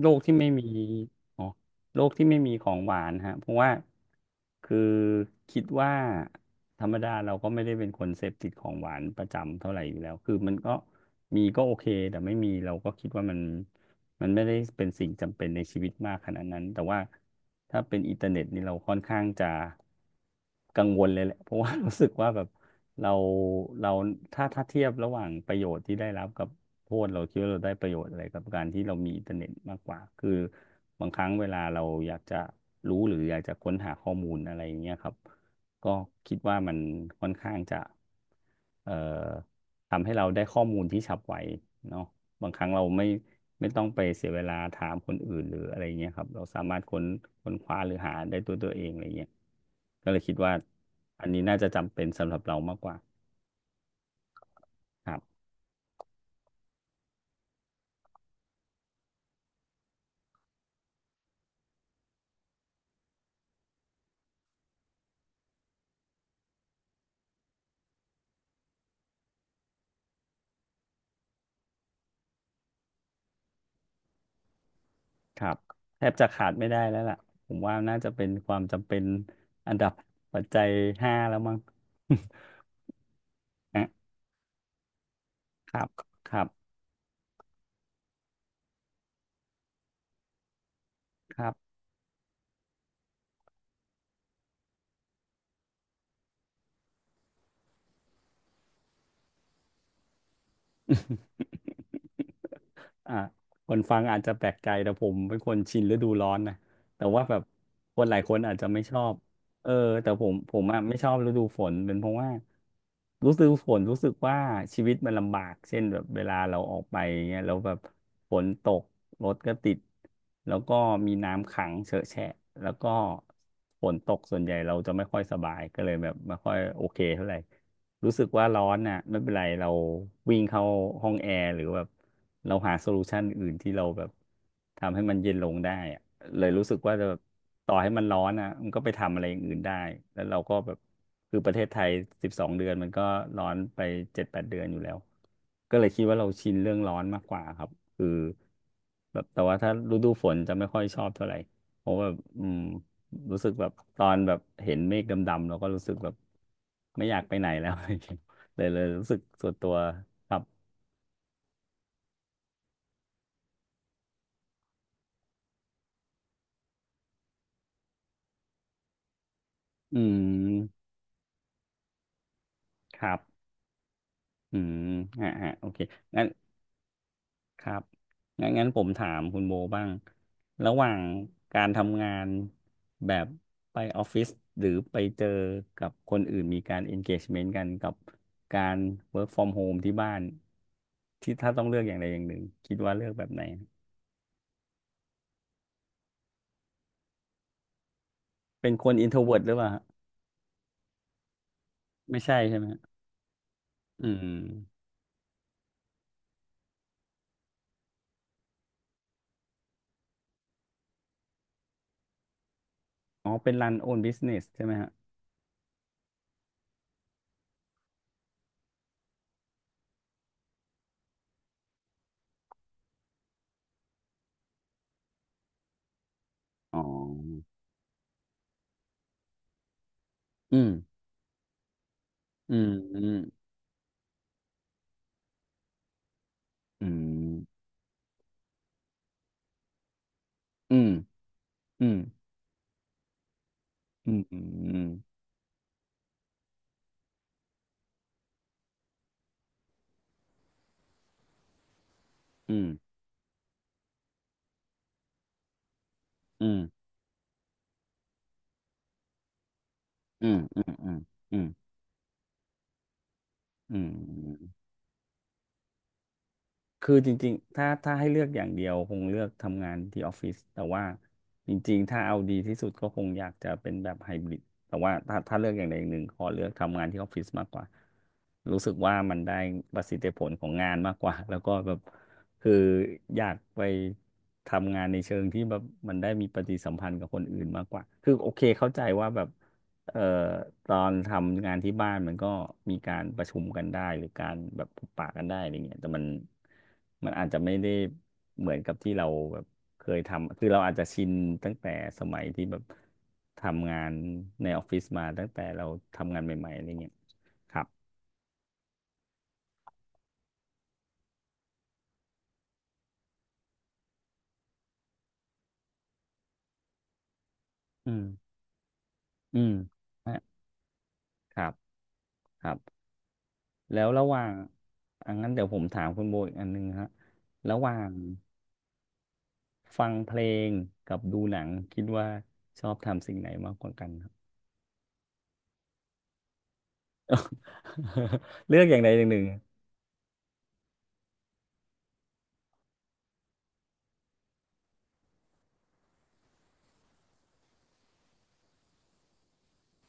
โลกที่ไม่มีอ๋อโลกที่ไม่มีของหวานฮะ เพราะว่าคือคิดว่าธรรมดาเราก็ไม่ได้เป็นคนเสพติดของหวานประจำเท่าไหร่อยู่แล้ว คือมันก็มีก็โอเค แต่ไม่มีเราก็คิดว่ามัน มันไม่ได้เป็นสิ่งจำเป็นในชีวิตมากขนาดนั้นแต่ว่าถ้าเป็นอินเทอร์เน็ตนี่เราค่อนข้างจะกังวลเลยแหละเพราะว่า รู้สึกว่าแบบเราเราถ้าเทียบระหว่างประโยชน์ที่ได้รับกับโทษเราคิดว่าเราได้ประโยชน์อะไรกับการที่เรามีอินเทอร์เน็ตมากกว่าคือบางครั้งเวลาเราอยากจะรู้หรืออยากจะค้นหาข้อมูลอะไรอย่างเงี้ยครับก็คิดว่ามันค่อนข้างจะเอ่อทำให้เราได้ข้อมูลที่ฉับไวเนาะ บางครั้งเราไม่ต้องไปเสียเวลาถามคนอื่นหรืออะไรเงี้ยครับเราสามารถค้นคว้าหรือหาได้ตัวเองอะไรเงี้ยก็เลยคิดว่าอันนี้น่าจะจำเป็นสำหรับเรามากกว่าครับครับแทบจะขาดไม่ได้แล้วล่ะผมว่าน่าจะเป็นความจำเป็นอันดับปัจจัย 5แล้วมั้ง นะครับครับครับ อ่ะคนฟังอาจจะแปลกใจแต่ผมเป็นคนชินฤดูร้อนนะแต่ว่าแบบคนหลายคนอาจจะไม่ชอบเออแต่ผมอ่ะไม่ชอบฤดูฝนเป็นเพราะว่ารู้สึกฝนรู้สึกว่าชีวิตมันลำบากเช่นแบบเวลาเราออกไปเงี้ยแล้วแบบฝนตกรถก็ติดแล้วก็มีน้ำขังเฉอะแฉะแล้วก็ฝนตกส่วนใหญ่เราจะไม่ค่อยสบายก็เลยแบบไม่ค่อยโอเคเท่าไหร่ รู้สึกว่าร้อนน่ะไม่เป็นไรเราวิ่งเข้าห้องแอร์หรือแบบเราหาโซลูชันอื่นที่เราแบบทำให้มันเย็นลงได้อะเลยรู้สึกว่าจะแบบต่อให้มันร้อนอ่ะมันก็ไปทำอะไรอย่างอื่นได้แล้วเราก็แบบคือประเทศไทย12 เดือนมันก็ร้อนไป7-8 เดือนอยู่แล้วก็เลยคิดว่าเราชินเรื่องร้อนมากกว่าครับคือแบบแต่ว่าถ้าฤดูฝนจะไม่ค่อยชอบเท่าไหร่เพราะว่าอืม รู้สึกแบบตอนแบบเห็นเมฆดำๆเราก็รู้สึกแบบไม่อยากไปไหนแล้ว เลยรู้สึกส่วนตัวครับอืมครับอืมฮะฮะโอเคงั้นครับงั้นผมถามคุณโบบ้างระหว่างการทำงานแบบไปออฟฟิศหรือไปเจอกับคนอื่นมีการ engagement กันกับการ work from home ที่บ้านที่ถ้าต้องเลือกอย่างใดอย่างหนึ่งคิดว่าเลือกแบบไหนเป็นคน introvert หรือเปล่า ไม่ใช่ใช่ไหมฮะอืมอ๋อเป็น run own business ใช่ไหมฮะอ๋ออืมอืมอืมอืมอืมอืมอืมอืมอืมอืมอืมอืมอืมอืมอืม คือจริงๆถ้าให้เลือกอย่างเดียวคงเลือกทำงานที่ออฟฟิศแต่ว่าจริงๆถ้าเอาดีที่สุดก็คงอยากจะเป็นแบบไฮบริดแต่ว่าถ้าเลือกอย่างใดอย่างหนึ่งขอเลือกทำงานที่ออฟฟิศมากกว่ารู้สึกว่ามันได้ประสิทธิผลของงานมากกว่า แล้วก็แบบคืออยากไปทำงานในเชิงที่แบบมันได้มีปฏิสัมพันธ์กับคนอื่นมากกว่าคือโอเคเข้าใจว่าแบบ เอ่อตอนทำงานที่บ้านมันก็มีการประชุมกันได้หรือการแบบพบปะกันได้อะไรเงี้ยแต่มันมันอาจจะไม่ได้เหมือนกับที่เราแบบเคยทำคือเราอาจจะชินตั้งแต่สมัยที่แบบทำงานในออฟฟิศมาตั้งแต่เราทำงานใหม่ๆอะไรเงี้ยครับอืมอืมฮะครับครับแล้วระหว่างอันนั้นเดี๋ยวผมถามคุณโบอีกอันนึงฮะระหว่าง ฟังเพลงกับดูหนังคิดว่าชอบทำสิ่งไหนมากกว่ากันครับ เลือกอย่างใดอย่างหนึ่ง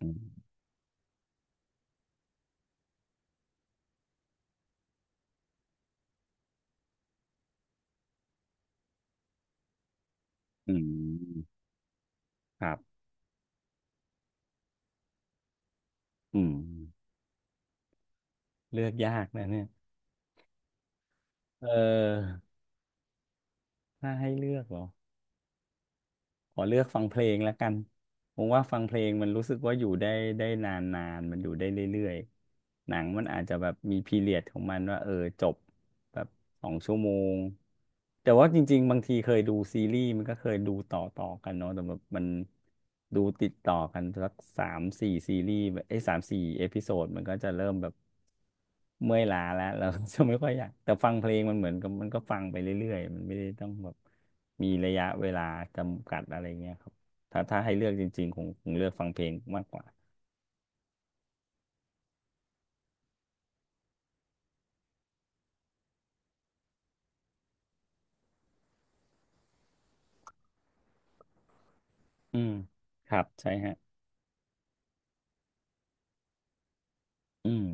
อืมอืมครับอืมเลือกยากนะเนี่ยเออถ้าให้เลือกเหรอขอเลือกฟังเพลงแล้วกันผมว่าฟังเพลงมันรู้สึกว่าอยู่ได้ได้นานๆมันอยู่ได้เรื่อยๆหนังมันอาจจะแบบมีพีเรียดของมันว่าเออจบ แบบ2 ชั่วโมงแต่ว่าจริงๆบางทีเคยดูซีรีส์มันก็เคยดูต่อกันเนาะแต่แบบมันดูติดต่อกันสักสามสี่ซีรีส์แบบไอ้สามสี่เอพิโซดมันก็จะเริ่มแบบเมื่อยล้าแล้วเราก็จะไม่ค่อยอยากแต่ฟังเพลงมันเหมือนกับมันก็ฟังไปเรื่อยๆมันไม่ได้ต้องแบบมีระยะเวลาจำกัดอะไรเงี้ยครับถ้าให้เลือกจริงๆคงเลือกฟังเพลงมากกว่าอืมครับใช่ฮะอืม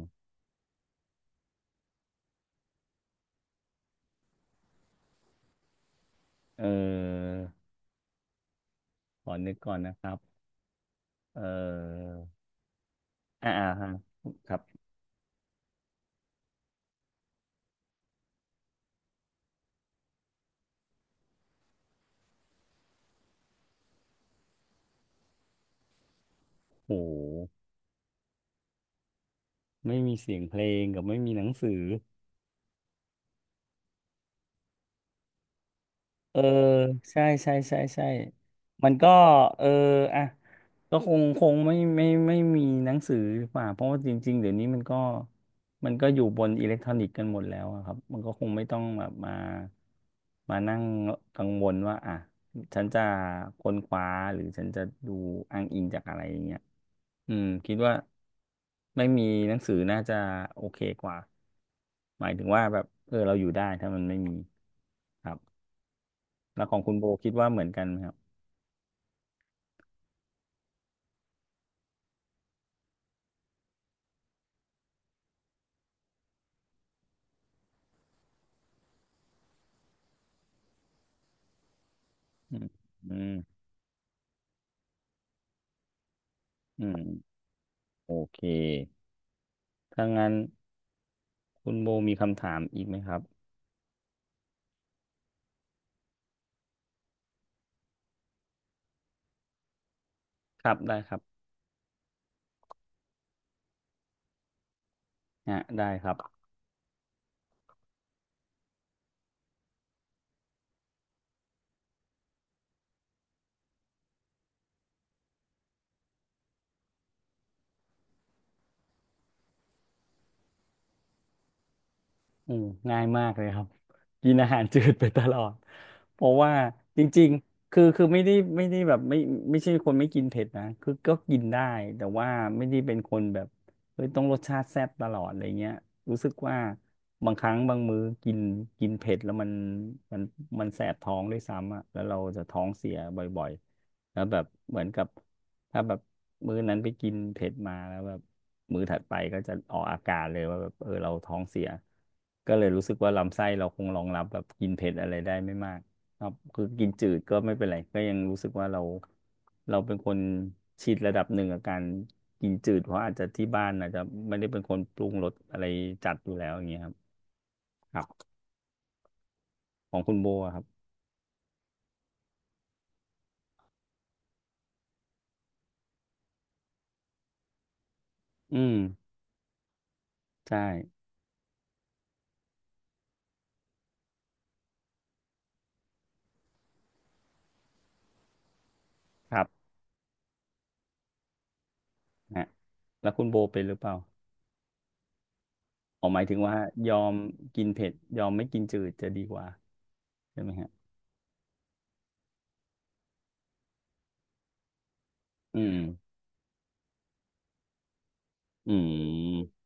เออขอนึกก่อนนะครับเออ อ่าฮะครับโอ้โหไม่มีเสียงเพลงกับไม่มีหนังสือเออใช่ใช่ใช่ใช่มันก็เอออ่ะก็คงไม่ไม่มีหนังสือดีกว่าเพราะว่าจริงๆเดี๋ยวนี้มันก็อยู่บนอิเล็กทรอนิกส์กันหมดแล้วอะครับมันก็คงไม่ต้องแบบมานั่งกังวลว่าอ่ะฉันจะค้นคว้าหรือฉันจะดูอ้างอิงจากอะไรอย่างเงี้ย อืมคิดว่าไม่มีหนังสือน่าจะโอเคกว่าหมายถึงว่าแบบเออเราอยู่ได้ถ้ามันไม่มีครับแล้วของคุณโบคิดว่าเหมือนกันไหมครับอืมอืมอืมโอเคถ้างั้นคุณโบมีคำถามอีกไหมครับครับได้ครับอ่ะได้ครับ อืมง่ายมากเลยครับกินอาหารจืดไปตลอดเพราะว่าจริงๆคือไม่ได้ไม่ได้แบบไม่ไม่ใช่คนไม่กินเผ็ดนะคือก็กินได้แต่ว่าไม่ได้เป็นคนแบบเฮ้ยต้องรสชาติแซ่บตลอดอะไรเงี้ยรู้สึกว่าบางครั้งบางมื้อกินกินเผ็ดแล้วมันมันแสบท้องด้วยซ้ำอ่ะแล้วเราจะท้องเสียบ่อยๆแล้วแบบเหมือนกับถ้าแบบมื้อนั้นไปกินเผ็ดมาแล้วแบบ มื้อถัดไปก็จะออกอาการเลยว่าแบบเออเราท้องเสียก็เลยรู้สึกว่าลำไส้เราคงรองรับแบบกินเผ็ดอะไรได้ไม่มากครับคือกินจืดก็ไม่เป็นไรก็ยังรู้สึกว่าเราเป็นคนชินระดับหนึ่งกับการกินจืดเพราะอาจจะที่บ้านอาจจะไม่ได้เป็นคนปรุงรสอะไรจัดอยู่แล้วอย่างเงี้ยครับครับของคุณโบอะครับอืมใช่ครับฮะแล้วคุณโบเป็นหรือเปล่าออหมายถึงว่ายอมกินเผ็ดยอมไม่กินจืดจะดีกว่าใช่ไหมฮะอืมอืม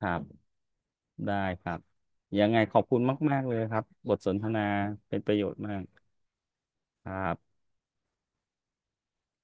ครับได้ครับ ยังไงขอบคุณมากๆเลยครับ บทสนทนาเป็นประโยชน์มากครับ